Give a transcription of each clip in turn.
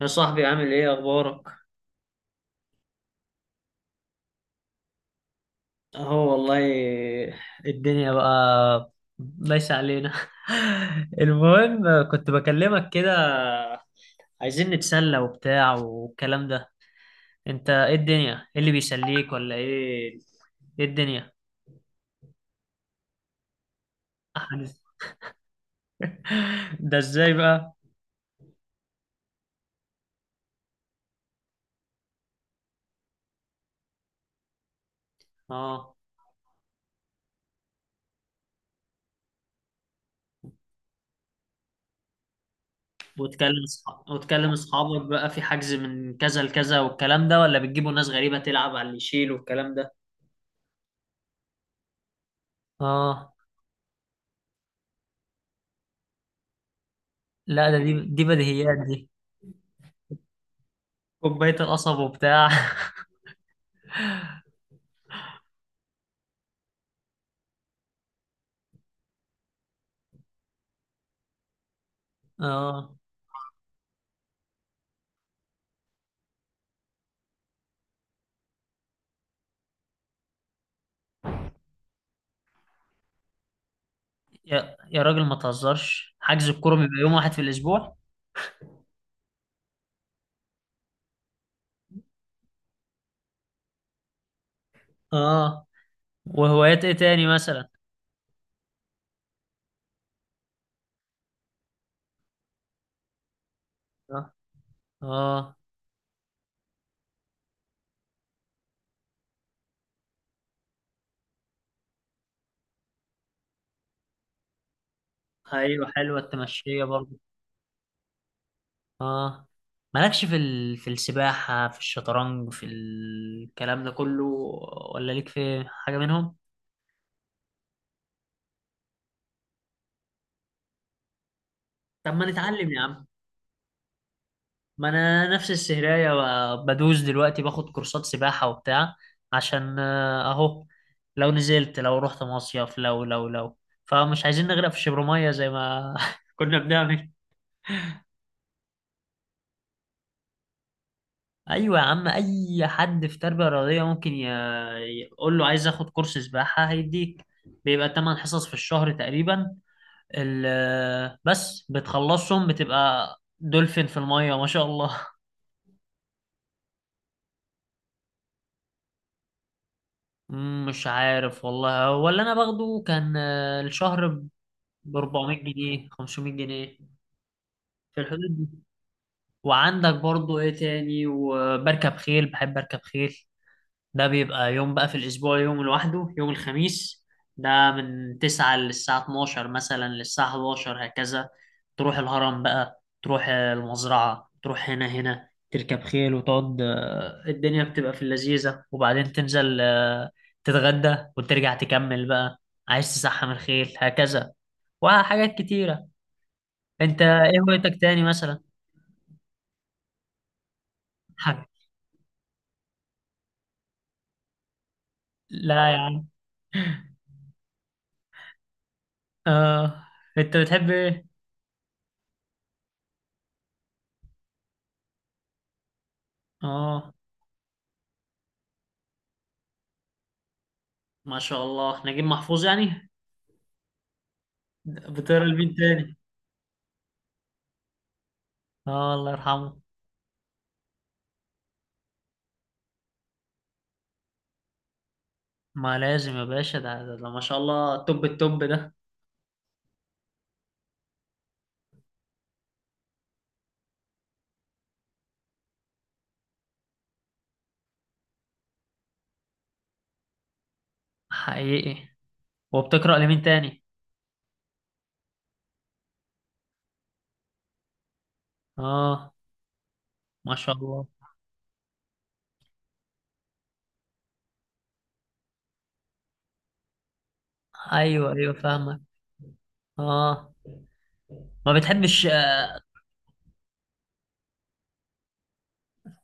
يا صاحبي، عامل ايه اخبارك؟ اهو والله. الدنيا بقى، ليس علينا. المهم، كنت بكلمك كده عايزين نتسلى وبتاع والكلام ده. انت ايه الدنيا؟ ايه اللي بيسليك ولا ايه؟ ايه الدنيا؟ ده ازاي بقى؟ اه، وتكلم اصحابك بقى في حجز من كذا لكذا والكلام ده، ولا بتجيبوا ناس غريبة تلعب على اللي يشيل والكلام ده؟ اه. لا ده دي بديهيات. كوباية القصب وبتاع. اه، يا راجل ما تهزرش، حجز الكورة بيبقى يوم واحد في الأسبوع. اه. وهوايات ايه تاني مثلا؟ اه. اه. ايوه، حلوة التمشية برضو. اه. مالكش في السباحة، في الشطرنج، في الكلام ده كله؟ ولا ليك في حاجة منهم؟ طب ما نتعلم يا عم. ما انا نفس السهرية، بدوس دلوقتي، باخد كورسات سباحة وبتاع. عشان اهو. لو نزلت، لو رحت مصيف، لو فمش عايزين نغرق في شبر زي ما كنا بنعمل. ايوه يا عم، اي حد في تربية رياضية ممكن يقول له عايز اخد كورس سباحة هيديك. بيبقى 8 حصص في الشهر تقريبا. بس بتخلصهم بتبقى دولفين في المية، ما شاء الله. مش عارف والله. هو اللي انا باخده كان الشهر ب 400 جنيه، 500 جنيه، في الحدود دي. وعندك برضو ايه تاني؟ وبركب خيل، بحب اركب خيل. ده بيبقى يوم بقى في الأسبوع، يوم لوحده، يوم الخميس. ده من تسعة للساعة 12 مثلا، للساعة 11 هكذا. تروح الهرم بقى، تروح المزرعة، تروح هنا هنا، تركب خيل وتقعد. الدنيا بتبقى في اللذيذة. وبعدين تنزل، تتغدى وترجع تكمل بقى. عايز تسحم الخيل هكذا وحاجات كتيرة. انت ايه هوايتك تاني مثلا؟ حاجة. لا يا عم. آه. انت بتحب ايه؟ اه، ما شاء الله، نجيب محفوظ يعني. بتقرا لمين تاني؟ اه، الله يرحمه. ما لازم يا باشا، ده ما شاء الله توب التوب ده. حقيقي. وبتقرا لمين تاني؟ اه، ما شاء الله. ايوه، ايوه، فاهمك. اه، ما بتحبش.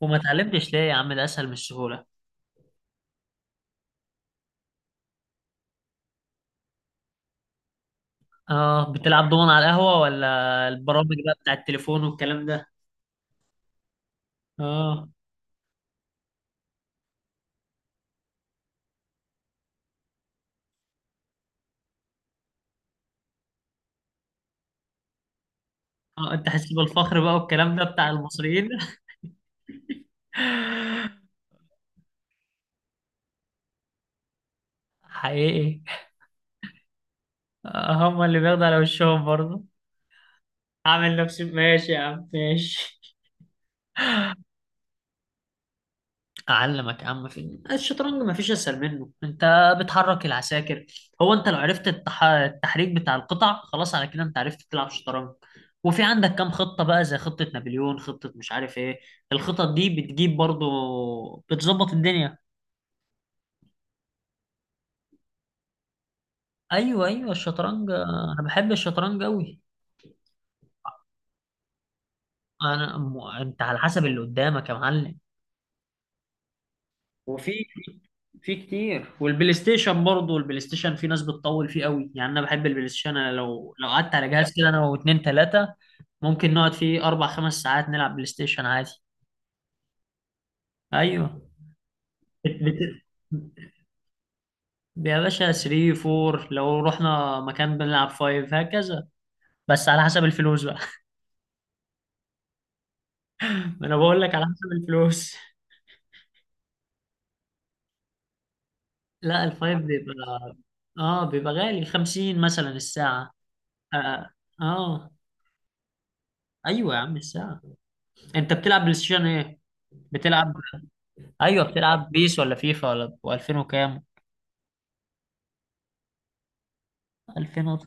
وما اتعلمتش ليه يا عم؟ ده اسهل من السهوله. اه، بتلعب دومنة على القهوه ولا البرامج بقى بتاع التليفون والكلام ده؟ اه. اه، انت حاسس بالفخر بقى والكلام ده بتاع المصريين. حقيقي. هم اللي بياخدوا على وشهم برضه. اعمل نفسي ماشي يا عم، ماشي. اعلمك يا عم. في الشطرنج ما فيش اسهل منه. انت بتحرك العساكر. هو انت لو عرفت التحريك بتاع القطع، خلاص على كده انت عرفت تلعب شطرنج. وفي عندك كام خطة بقى، زي خطة نابليون، خطة مش عارف ايه. الخطط دي بتجيب برضه، بتظبط الدنيا. ايوه، ايوه، الشطرنج. انا بحب الشطرنج قوي. انت على حسب اللي قدامك يا معلم. وفي في كتير، والبلاي ستيشن برضه، البلاي ستيشن في ناس بتطول فيه قوي يعني، انا بحب البلاي ستيشن. انا لو قعدت على جهاز كده انا واتنين تلاتة ممكن نقعد فيه اربع خمس ساعات نلعب بلاي ستيشن عادي. ايوه. بت... بت... يا باشا 3 4 لو رحنا مكان بنلعب 5 هكذا، بس على حسب الفلوس بقى. ما انا بقول لك على حسب الفلوس. لا الفايف بيبقى. اه، بيبقى غالي 50 مثلا الساعة. اه. آه. ايوه يا عم الساعة. انت بتلعب بلاي ستيشن ايه؟ بتلعب. ايوه، بتلعب بيس ولا فيفا ولا و2000 وكام، 2000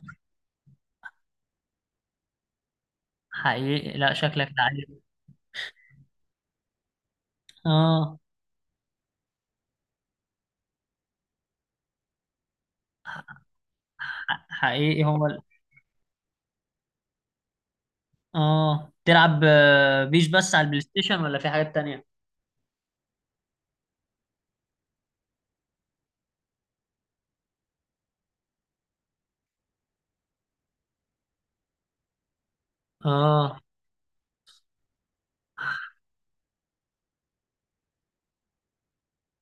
حقيقي، لا شكلك لعيب. اه. حقيقي اه، تلعب بيس بس على البلاي ستيشن ولا في حاجات تانية؟ اه.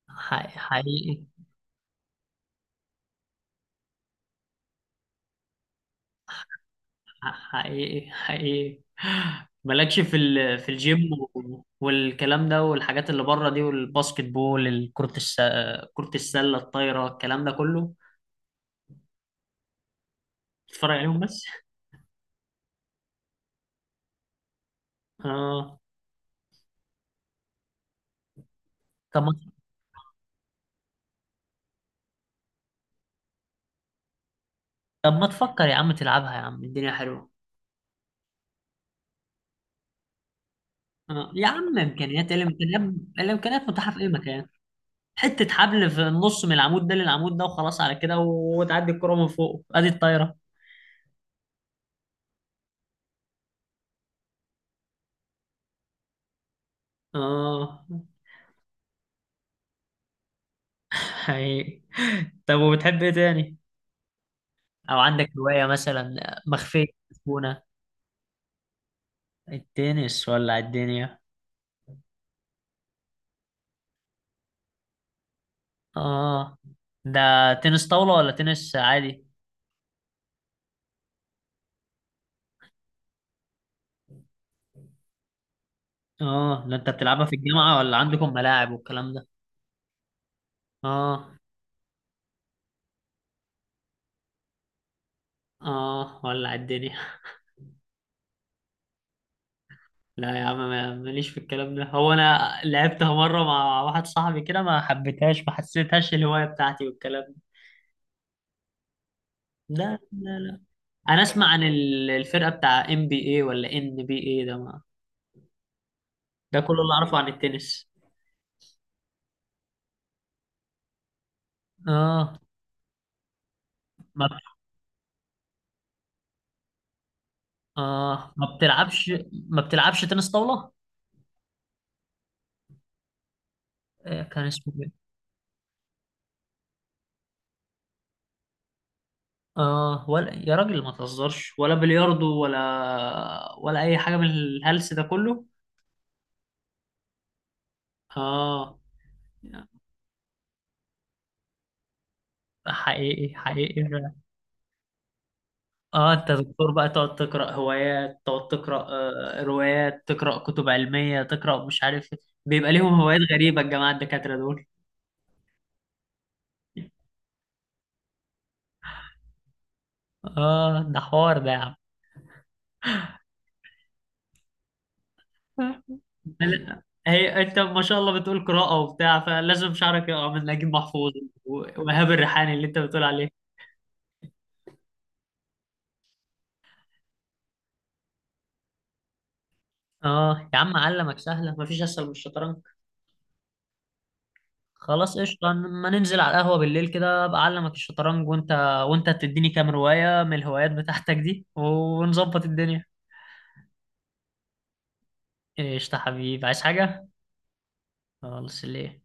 حقيقي، حقيقي، حقيقي. مالكش في الجيم والكلام ده والحاجات اللي بره دي، والباسكت بول، كرة السلة، الطايرة، الكلام ده كله؟ تتفرج عليهم بس؟ اه. طب ما. طب ما تفكر يا عم تلعبها، يا عم الدنيا حلوة. يا عم امكانيات إيه الامكانيات متاحه في اي مكان. حته حبل في النص من العمود ده للعمود ده، وخلاص على كده، وتعدي الكره من فوق، ادي الطايره. اه، حقيقي. طب وبتحب ايه تاني؟ او عندك هوايه مثلا مخفيه تكون؟ التنس ولا الدنيا؟ اه. ده تنس طاوله ولا تنس عادي؟ اه. ده انت بتلعبها في الجامعه ولا عندكم ملاعب والكلام ده؟ اه. اه. ولا الدنيا؟ لا يا عم، ماليش في الكلام ده. هو انا لعبتها مره مع واحد صاحبي كده، ما حبيتهاش، ما حسيتهاش الهوايه بتاعتي والكلام ده. لا. لا. لا. انا اسمع عن الفرقه بتاع ام بي اي ولا ان بي اي ده، ما. ده كله اللي اعرفه عن التنس. اه. ما اه ما بتلعبش ما بتلعبش تنس طاوله؟ كان اسمه ايه؟ اه. ولا يا راجل ما تهزرش؟ ولا بلياردو، ولا اي حاجه من الهلس ده كله؟ اه. حقيقي، حقيقي. اه، انت دكتور بقى، تقعد تقرا روايات، تقرا كتب علميه، تقرا مش عارف إيه. بيبقى ليهم هوايات غريبه الجماعه الدكاتره دول. اه، ده حوار ده يا عم. لا، هي انت ما شاء الله بتقول قراءه وبتاع، فلازم شعرك يقع من نجيب محفوظ. وإيهاب الريحاني اللي انت بتقول عليه. اه يا عم، علمك سهله، مفيش اسهل من الشطرنج. خلاص قشطه، ما ننزل على القهوه بالليل كده، ابقى اعلمك الشطرنج، وانت تديني كام روايه من الهوايات بتاعتك دي، ونظبط الدنيا. قشطة حبيبي، عايز حاجة؟ خلاص، ليه.